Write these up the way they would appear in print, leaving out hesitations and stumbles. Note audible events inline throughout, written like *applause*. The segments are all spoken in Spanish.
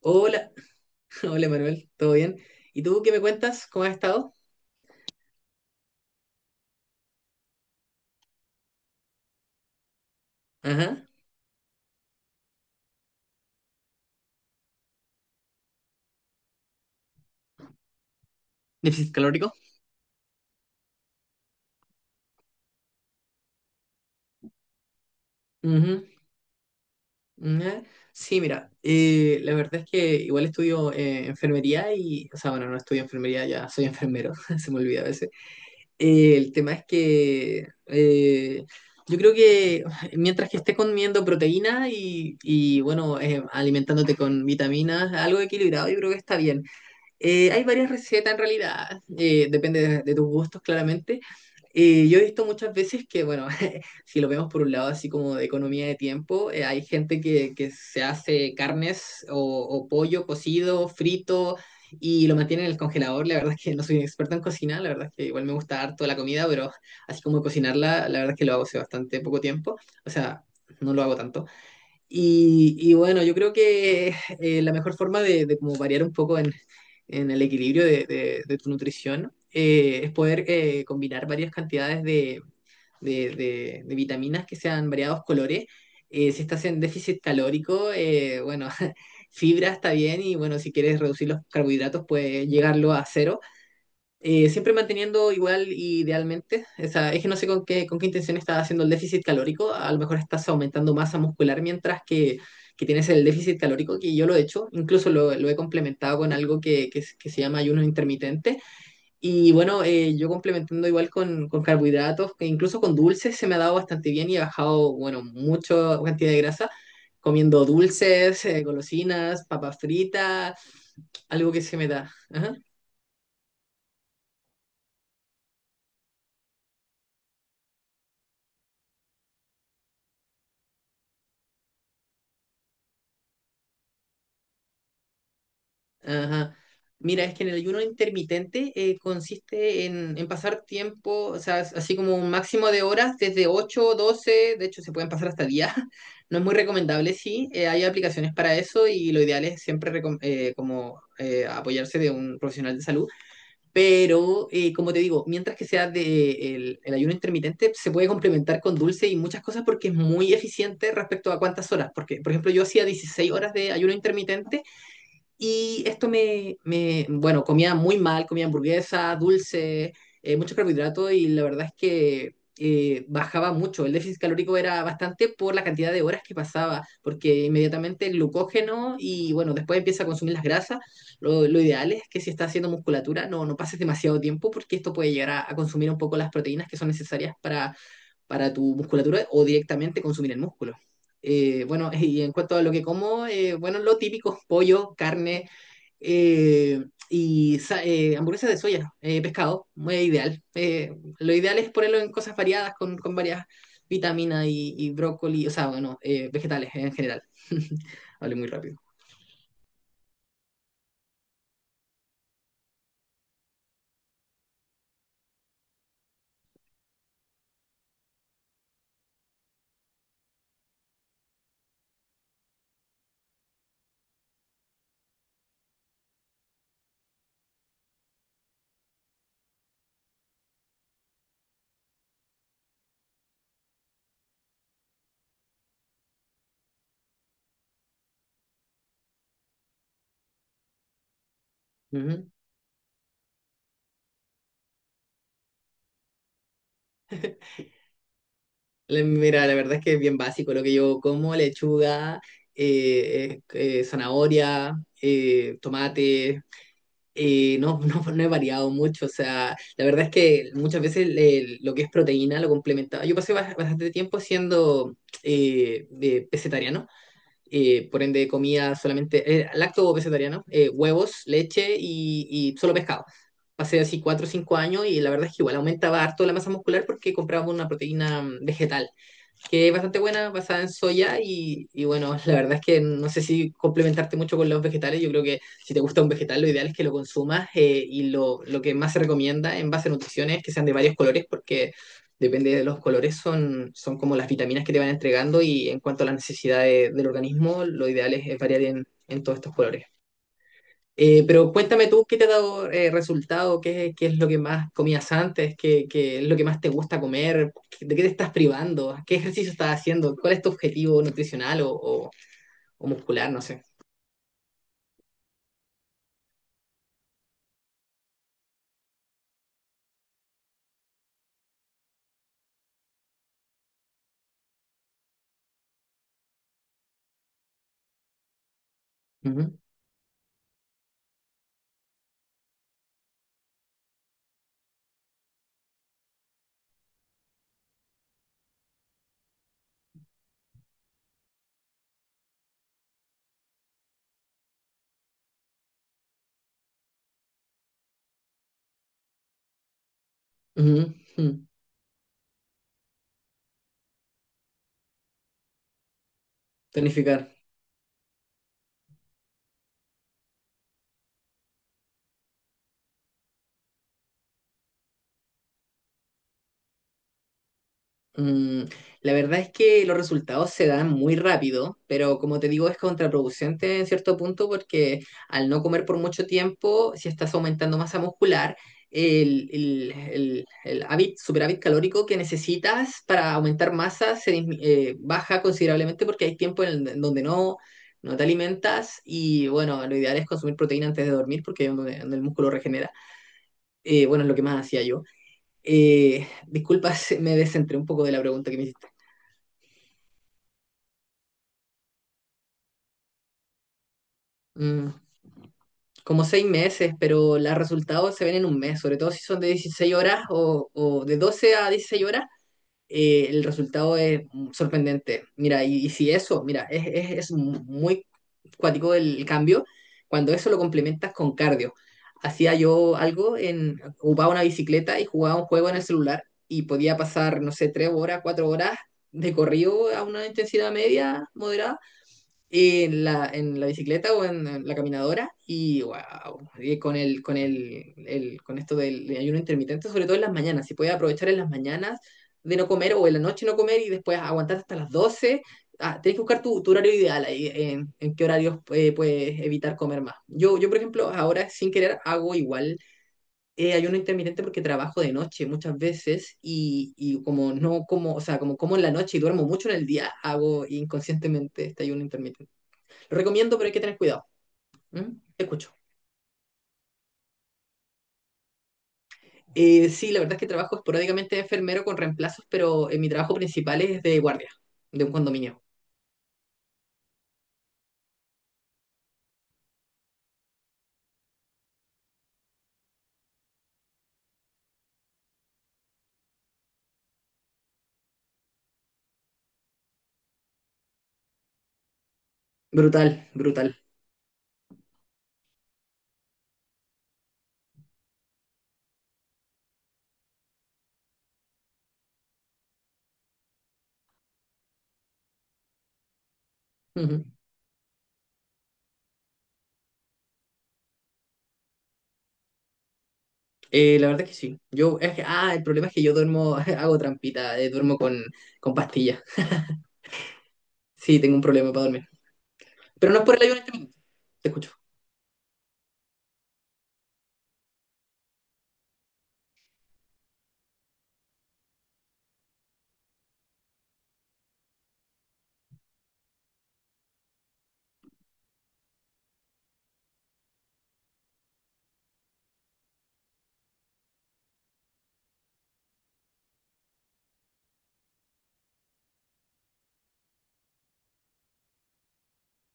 Hola, *laughs* hola Manuel, ¿todo bien? ¿Y tú qué me cuentas? ¿Cómo has estado? Ajá, déficit calórico. Ujú, ujú. Sí, mira, la verdad es que igual estudio enfermería y, o sea, bueno, no estudio enfermería, ya soy enfermero, *laughs* se me olvida a veces. El tema es que yo creo que mientras que estés comiendo proteína y bueno, alimentándote con vitaminas, algo equilibrado, yo creo que está bien. Hay varias recetas en realidad, depende de tus gustos claramente. Yo he visto muchas veces que, bueno, *laughs* si lo vemos por un lado así como de economía de tiempo, hay gente que se hace carnes o pollo cocido, frito y lo mantiene en el congelador. La verdad es que no soy un experto en cocina, la verdad es que igual me gusta harto la comida, pero así como cocinarla, la verdad es que lo hago hace bastante poco tiempo. O sea, no lo hago tanto. Y bueno, yo creo que la mejor forma de como variar un poco en el equilibrio de tu nutrición es poder combinar varias cantidades de vitaminas que sean variados colores. Si estás en déficit calórico, bueno, *laughs* fibra está bien y bueno, si quieres reducir los carbohidratos, puedes llegarlo a cero siempre manteniendo igual idealmente, o sea, es que no sé con qué intención estás haciendo el déficit calórico, a lo mejor estás aumentando masa muscular mientras que tienes el déficit calórico, que yo lo he hecho, incluso lo he complementado con algo que se llama ayuno intermitente, y bueno, yo complementando igual con carbohidratos, que incluso con dulces se me ha dado bastante bien y he bajado, bueno, mucha cantidad de grasa, comiendo dulces, golosinas, papas fritas, algo que se me da. Ajá. Ajá. Mira, es que en el ayuno intermitente consiste en pasar tiempo, o sea, es así como un máximo de horas, desde 8 12. De hecho se pueden pasar hasta 10. *laughs* No es muy recomendable, sí, hay aplicaciones para eso y lo ideal es siempre recom- como apoyarse de un profesional de salud. Pero, como te digo, mientras que sea de, el ayuno intermitente, se puede complementar con dulce y muchas cosas porque es muy eficiente respecto a cuántas horas. Porque, por ejemplo, yo hacía 16 horas de ayuno intermitente y esto bueno, comía muy mal, comía hamburguesas dulces mucho carbohidrato y la verdad es que bajaba mucho. El déficit calórico era bastante por la cantidad de horas que pasaba, porque inmediatamente el glucógeno y bueno, después empieza a consumir las grasas. Lo ideal es que si estás haciendo musculatura no, no pases demasiado tiempo porque esto puede llegar a consumir un poco las proteínas que son necesarias para tu musculatura o directamente consumir el músculo. Bueno, *laughs* y en cuanto a lo que como, bueno, lo típico, pollo, carne eh, y hamburguesas de soya, pescado, muy ideal. Lo ideal es ponerlo en cosas variadas, con varias vitaminas y brócoli, o sea, bueno, vegetales en general. *laughs* Hablé muy rápido. Ujú. Mira, la verdad es que es bien básico lo que yo como, lechuga, zanahoria, tomate, y no, *laughs* no, no he variado mucho, o sea, la verdad es que muchas veces lo que es proteína lo complementaba. Yo pasé bastante tiempo siendo de pescetariano, por ende comía solamente lacto pescetariano, huevos, leche y solo pescado. Pasé así 4 o 5 años y la verdad es que igual aumentaba harto la masa muscular porque compraba una proteína vegetal que es bastante buena, basada en soya y bueno, *laughs* la verdad es que no sé si complementarte mucho con los vegetales, yo creo que si te gusta un vegetal lo ideal es que lo consumas y lo que más se recomienda en base a nutriciones es que sean de varios colores porque depende de los colores son, son como las vitaminas que te van entregando y en cuanto a las necesidades del organismo lo ideal es variar en todos estos colores. Pero cuéntame tú, ¿qué te ha dado resultado? ¿Qué, qué es lo que más comías antes? ¿Qué, qué es lo que más te gusta comer? ¿De qué te estás privando? ¿Qué ejercicio estás haciendo? ¿Cuál es tu objetivo nutricional o muscular? No sé. Ujú, ujú, ujú. Tonificar. Mm, la verdad es que los resultados se dan muy rápido, pero como te digo, es contraproducente en cierto punto porque al no comer por mucho tiempo, si estás aumentando masa muscular, el superávit calórico que necesitas para aumentar masa se baja considerablemente porque hay tiempo en, en donde no, no te alimentas y bueno, lo ideal es consumir proteína antes de dormir porque es donde, donde el músculo regenera. Bueno, es lo que más hacía yo. Disculpa, *laughs* me descentré un poco de la pregunta que me hiciste. Mm, como 6 meses, pero los resultados se ven en 1 mes, sobre todo si son de 16 horas o de 12 a 16 horas, el resultado es sorprendente. Mira, y si eso, mira, es muy cuático el cambio, cuando eso lo complementas con cardio. Hacía yo algo en, ocupaba una bicicleta y jugaba un juego en el celular y podía pasar, no sé, 3 horas, 4 horas de corrido a una intensidad media, moderada en la bicicleta o en la caminadora y wow, y con el, con esto del ayuno intermitente, sobre todo en las mañanas, si puedes aprovechar en las mañanas de no comer o en la noche no comer y después aguantar hasta las 12. Ah, tenés que buscar tu, tu horario ideal ahí, en qué horarios puedes evitar comer más. Yo, por ejemplo, ahora sin querer hago igual ayuno intermitente porque trabajo de noche muchas veces y como no como, o sea, como como en la noche y duermo mucho en el día, hago inconscientemente este ayuno intermitente. Recomiendo, pero hay que tener cuidado. ¿Mm? Te escucho. Sí, la verdad es que trabajo esporádicamente de enfermero con reemplazos, pero mi trabajo principal es de guardia, de un condominio. Brutal, brutal. Ujú. La verdad es que sí. Yo, ah, el problema es que yo duermo, *laughs* hago trampita, duermo con pastillas. Sí, tengo un problema para dormir. Pero no es por el ayuno intermitente. Te escucho.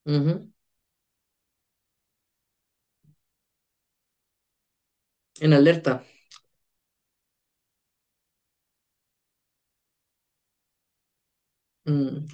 Ujú. En alerta. Mm,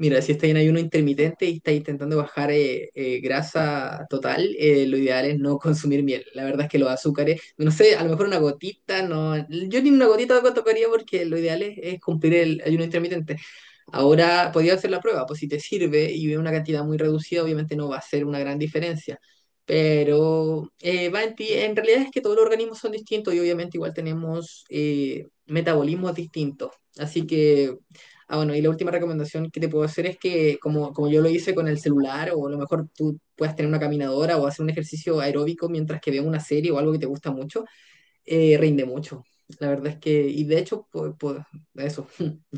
mira, si estás en ayuno intermitente y estás intentando bajar grasa total, lo ideal es no *laughs* consumir miel. La verdad es que los azúcares, no sé, a lo mejor una gotita, no, yo ni una gotita tocaría porque lo ideal es cumplir el ayuno intermitente. Ahora podía hacer la prueba, pues si te sirve y es una cantidad muy reducida, obviamente no va a ser una gran diferencia. Pero va en ti. En realidad es que todos los organismos son distintos y obviamente igual tenemos metabolismos distintos. Así que, ah, bueno, y la última recomendación que te puedo hacer es que, como, como yo lo hice con el celular, o a lo mejor tú puedas tener una caminadora o hacer un ejercicio aeróbico mientras que veas una serie o algo que te gusta mucho, rinde mucho. La verdad es que, y de hecho, pues, eso. *laughs*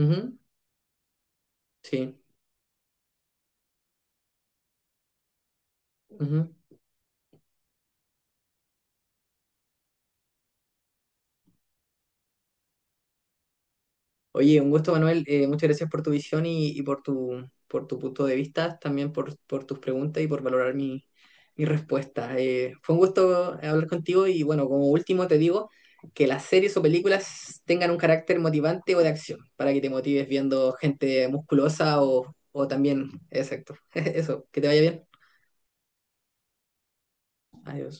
Ujú, sí. Ujú. Oye, un gusto, Manuel. Muchas gracias por tu visión y por tu punto de vista, también por tus preguntas y por valorar mi, mi respuesta. Fue un gusto hablar contigo y bueno, como último te digo que las series o películas tengan un carácter motivante o de acción para que te motives viendo gente musculosa o también, exacto. *laughs* Eso, que te vaya bien. Adiós.